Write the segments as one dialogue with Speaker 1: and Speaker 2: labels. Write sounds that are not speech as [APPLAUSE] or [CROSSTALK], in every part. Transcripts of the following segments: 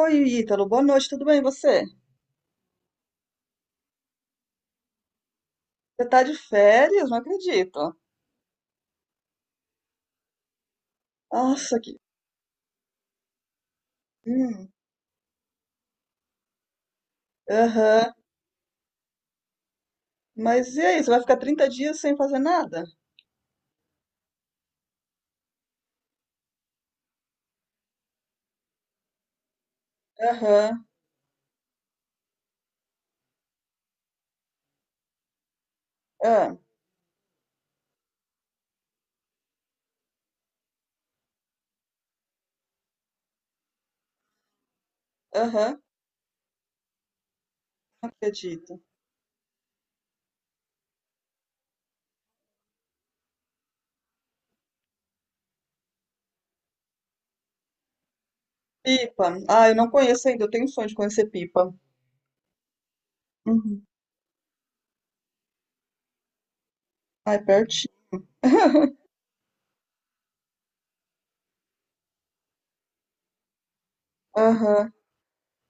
Speaker 1: Oi, Ítalo, boa noite, tudo bem e você? Você tá de férias? Não acredito. Nossa, que. Hum. Aham. Mas e aí, você vai ficar 30 dias sem fazer nada? Aham, ah, aham, não acredito. Pipa. Ah, eu não conheço ainda, eu tenho um sonho de conhecer Pipa. Uhum. Ah, é pertinho. [LAUGHS] Aham.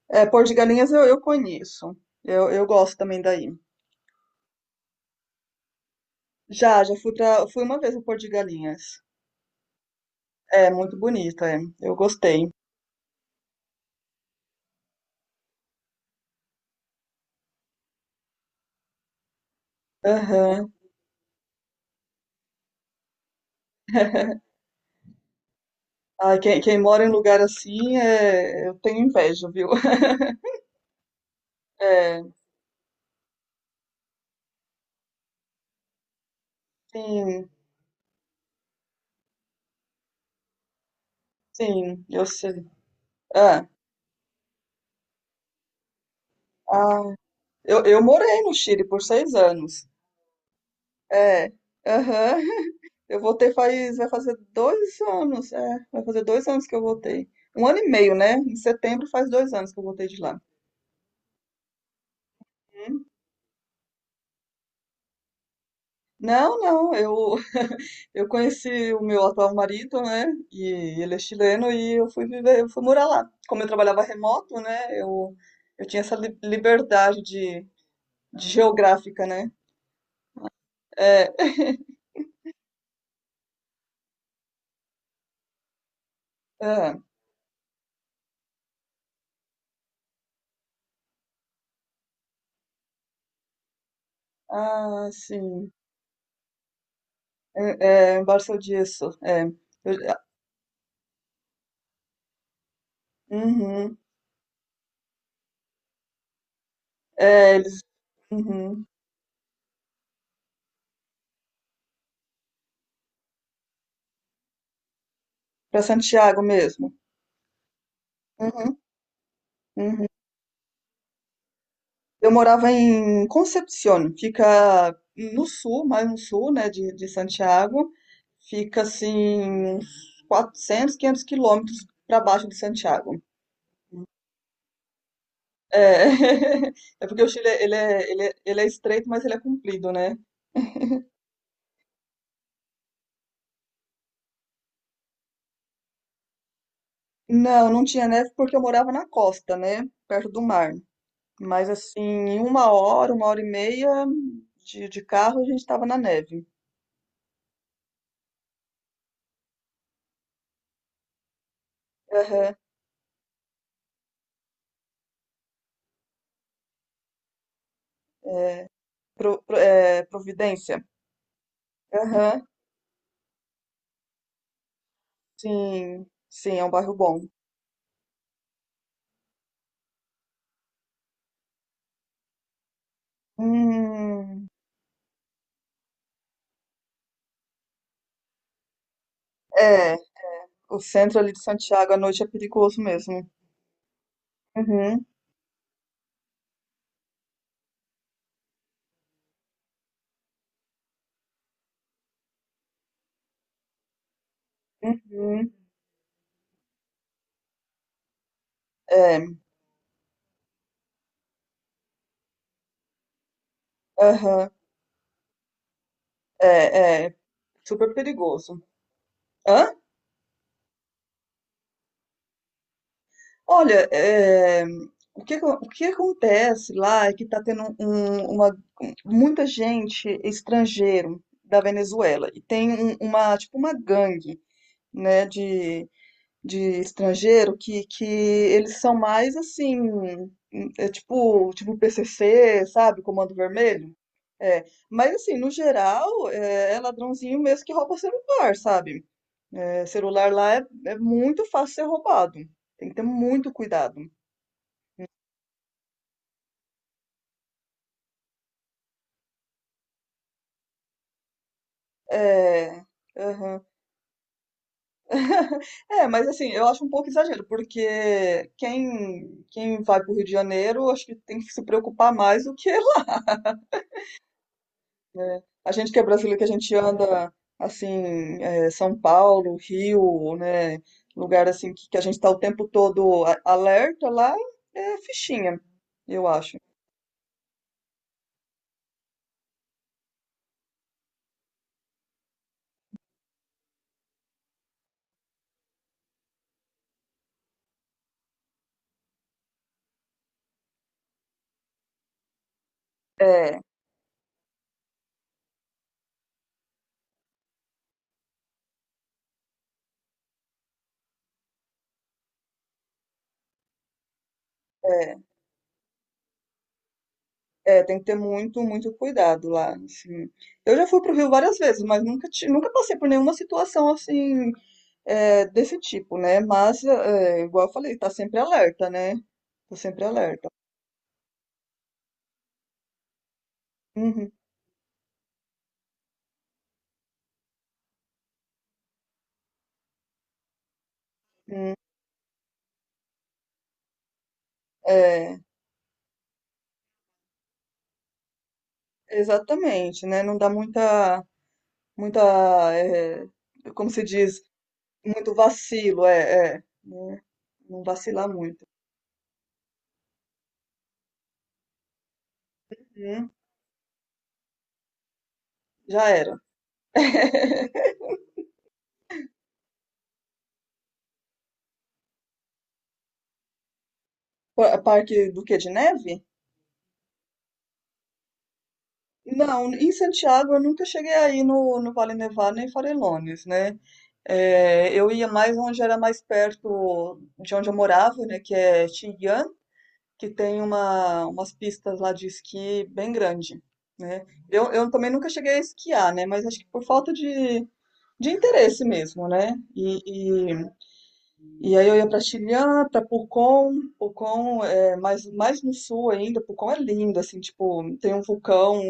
Speaker 1: É, Porto de Galinhas eu conheço. Eu gosto também daí. Já, fui uma vez no Porto de Galinhas. É, muito bonito, é. Eu gostei. Aham. Ah, quem mora em lugar assim, é, eu tenho inveja, viu? [LAUGHS] É, sim, sim, eu sei. Ah, ah, eu morei no Chile por 6 anos. É, aham. Vai fazer 2 anos, é, vai fazer 2 anos que eu voltei. Um ano e meio, né? Em setembro faz 2 anos que eu voltei de lá. Não, não, eu conheci o meu atual marido, né? E ele é chileno e eu fui morar lá. Como eu trabalhava remoto, né? Eu tinha essa liberdade de geográfica, né? É, é, ah, sim. É, Barça disso. É, eu, ah, uhum, é, eles, uhum, para Santiago mesmo. Uhum, uhum. Eu morava em Concepción, fica no sul, mais no sul, né? De Santiago. Fica assim uns 400, 500 quilômetros para baixo de Santiago. É, [LAUGHS] é porque o Chile ele é estreito, mas ele é comprido, né? Não, não tinha neve porque eu morava na costa, né? Perto do mar. Mas assim, em uma hora e meia de carro, a gente estava na neve. Aham, é, é, Providência. Aham. Sim, sim, é um bairro bom. Hum, é, o centro ali de Santiago à noite é perigoso mesmo. Uhum, uhum. É, aham, é super perigoso. Hã? Olha, é, o que acontece lá é que está tendo uma, muita gente estrangeiro da Venezuela e tem uma, tipo uma gangue, né, de estrangeiro que eles são mais assim, é tipo PCC, sabe? Comando Vermelho. É, mas assim, no geral, é ladrãozinho mesmo que rouba celular, sabe? É, celular lá é, é muito fácil ser roubado. Tem que ter muito cuidado. É, aham. [LAUGHS] É, mas assim, eu acho um pouco exagero, porque quem vai pro Rio de Janeiro, acho que tem que se preocupar mais do que a gente que é brasileiro, que a gente anda assim, é, São Paulo, Rio, né? Lugar assim que a gente tá o tempo todo alerta lá, é fichinha, eu acho. É, é, é, tem que ter muito, muito cuidado lá, assim. Eu já fui pro Rio várias vezes, mas nunca passei por nenhuma situação assim, é, desse tipo, né? Mas, é, igual eu falei, tá sempre alerta, né? Tô sempre alerta. Uhum. É, exatamente, né? Não dá muita, eh, como se diz, muito vacilo, é, né? Não vacilar muito. Já era. Parque do quê? De neve? Não, em Santiago eu nunca cheguei aí no Vale Nevado nem Farelones, né? É, eu ia mais onde era mais perto de onde eu morava, né? Que é Xi'an, que tem umas pistas lá de esqui bem grande, né? Eu também nunca cheguei a esquiar, né? Mas acho que por falta de interesse mesmo, né? E aí eu ia para Chilhã, para Pucón, Pucón é mais no sul ainda, Pucón é lindo, assim, tipo, tem um vulcão.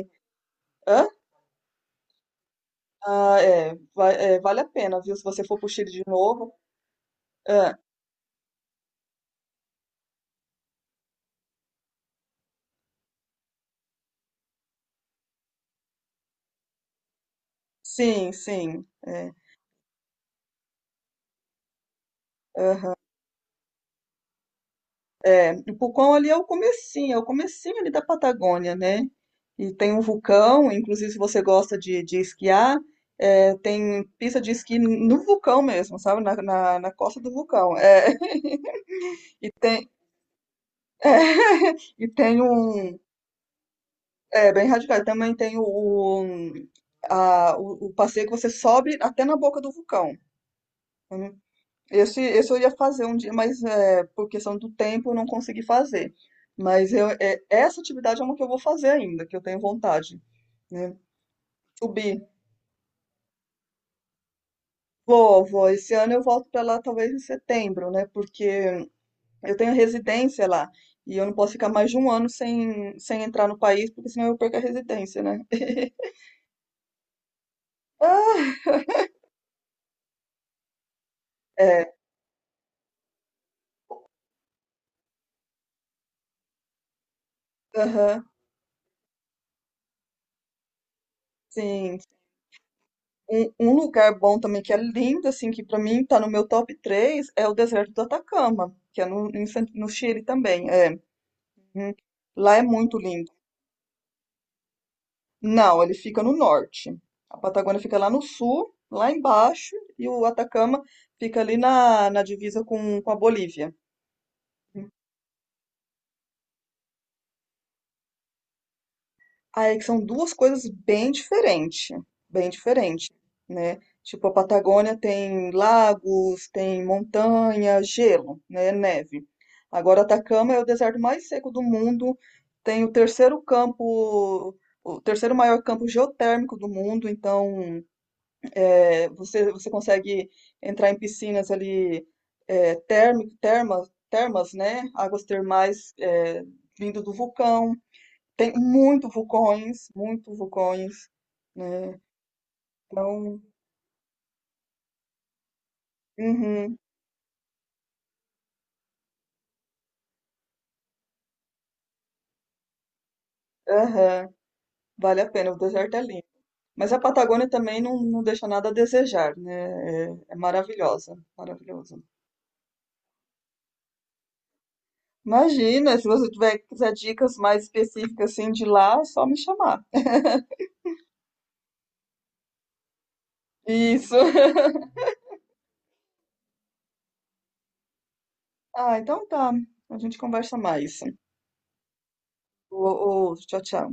Speaker 1: Hã? Ah, é, é, vale a pena, viu? Se você for pro Chile de novo. Ah, sim, sim. É, e Pucón ali é o comecinho ali da Patagônia, né? E tem um vulcão, inclusive se você gosta de esquiar, é, tem pista de esqui no vulcão mesmo, sabe? Na costa do vulcão. É, [LAUGHS] e tem, é, e tem um, é, bem radical. Também tem o o passeio que você sobe até na boca do vulcão. Uhum. Esse eu ia fazer um dia, mas é, por questão do tempo eu não consegui fazer. Mas eu, é, essa atividade é uma que eu vou fazer ainda, que eu tenho vontade, né? Subir. Vou, vou. Esse ano eu volto para lá talvez em setembro, né? Porque eu tenho residência lá e eu não posso ficar mais de um ano sem entrar no país, porque senão eu perco a residência, né? [LAUGHS] Ah, é, aham, sim. Um lugar bom também que é lindo, assim, que pra mim tá no meu top 3 é o deserto do Atacama, que é no Chile também. É. Uhum. Lá é muito lindo. Não, ele fica no norte. A Patagônia fica lá no sul, lá embaixo, e o Atacama fica ali na divisa com a Bolívia. Aí que são duas coisas bem diferentes, né? Tipo, a Patagônia tem lagos, tem montanha, gelo, né? Neve. Agora, Atacama é o deserto mais seco do mundo, tem o terceiro campo, o terceiro maior campo geotérmico do mundo, então é, você consegue entrar em piscinas ali, é, termas, termas, né? Águas termais é, vindo do vulcão. Tem muito vulcões, né? Então, uhum, aham, vale a pena, o deserto é lindo. Mas a Patagônia também não, não deixa nada a desejar, né? É, maravilhosa, maravilhosa. Imagina, se você tiver quiser dicas mais específicas assim de lá, é só me chamar. Isso. [LAUGHS] Ah, então tá. A gente conversa mais. Ô, ô, tchau, tchau.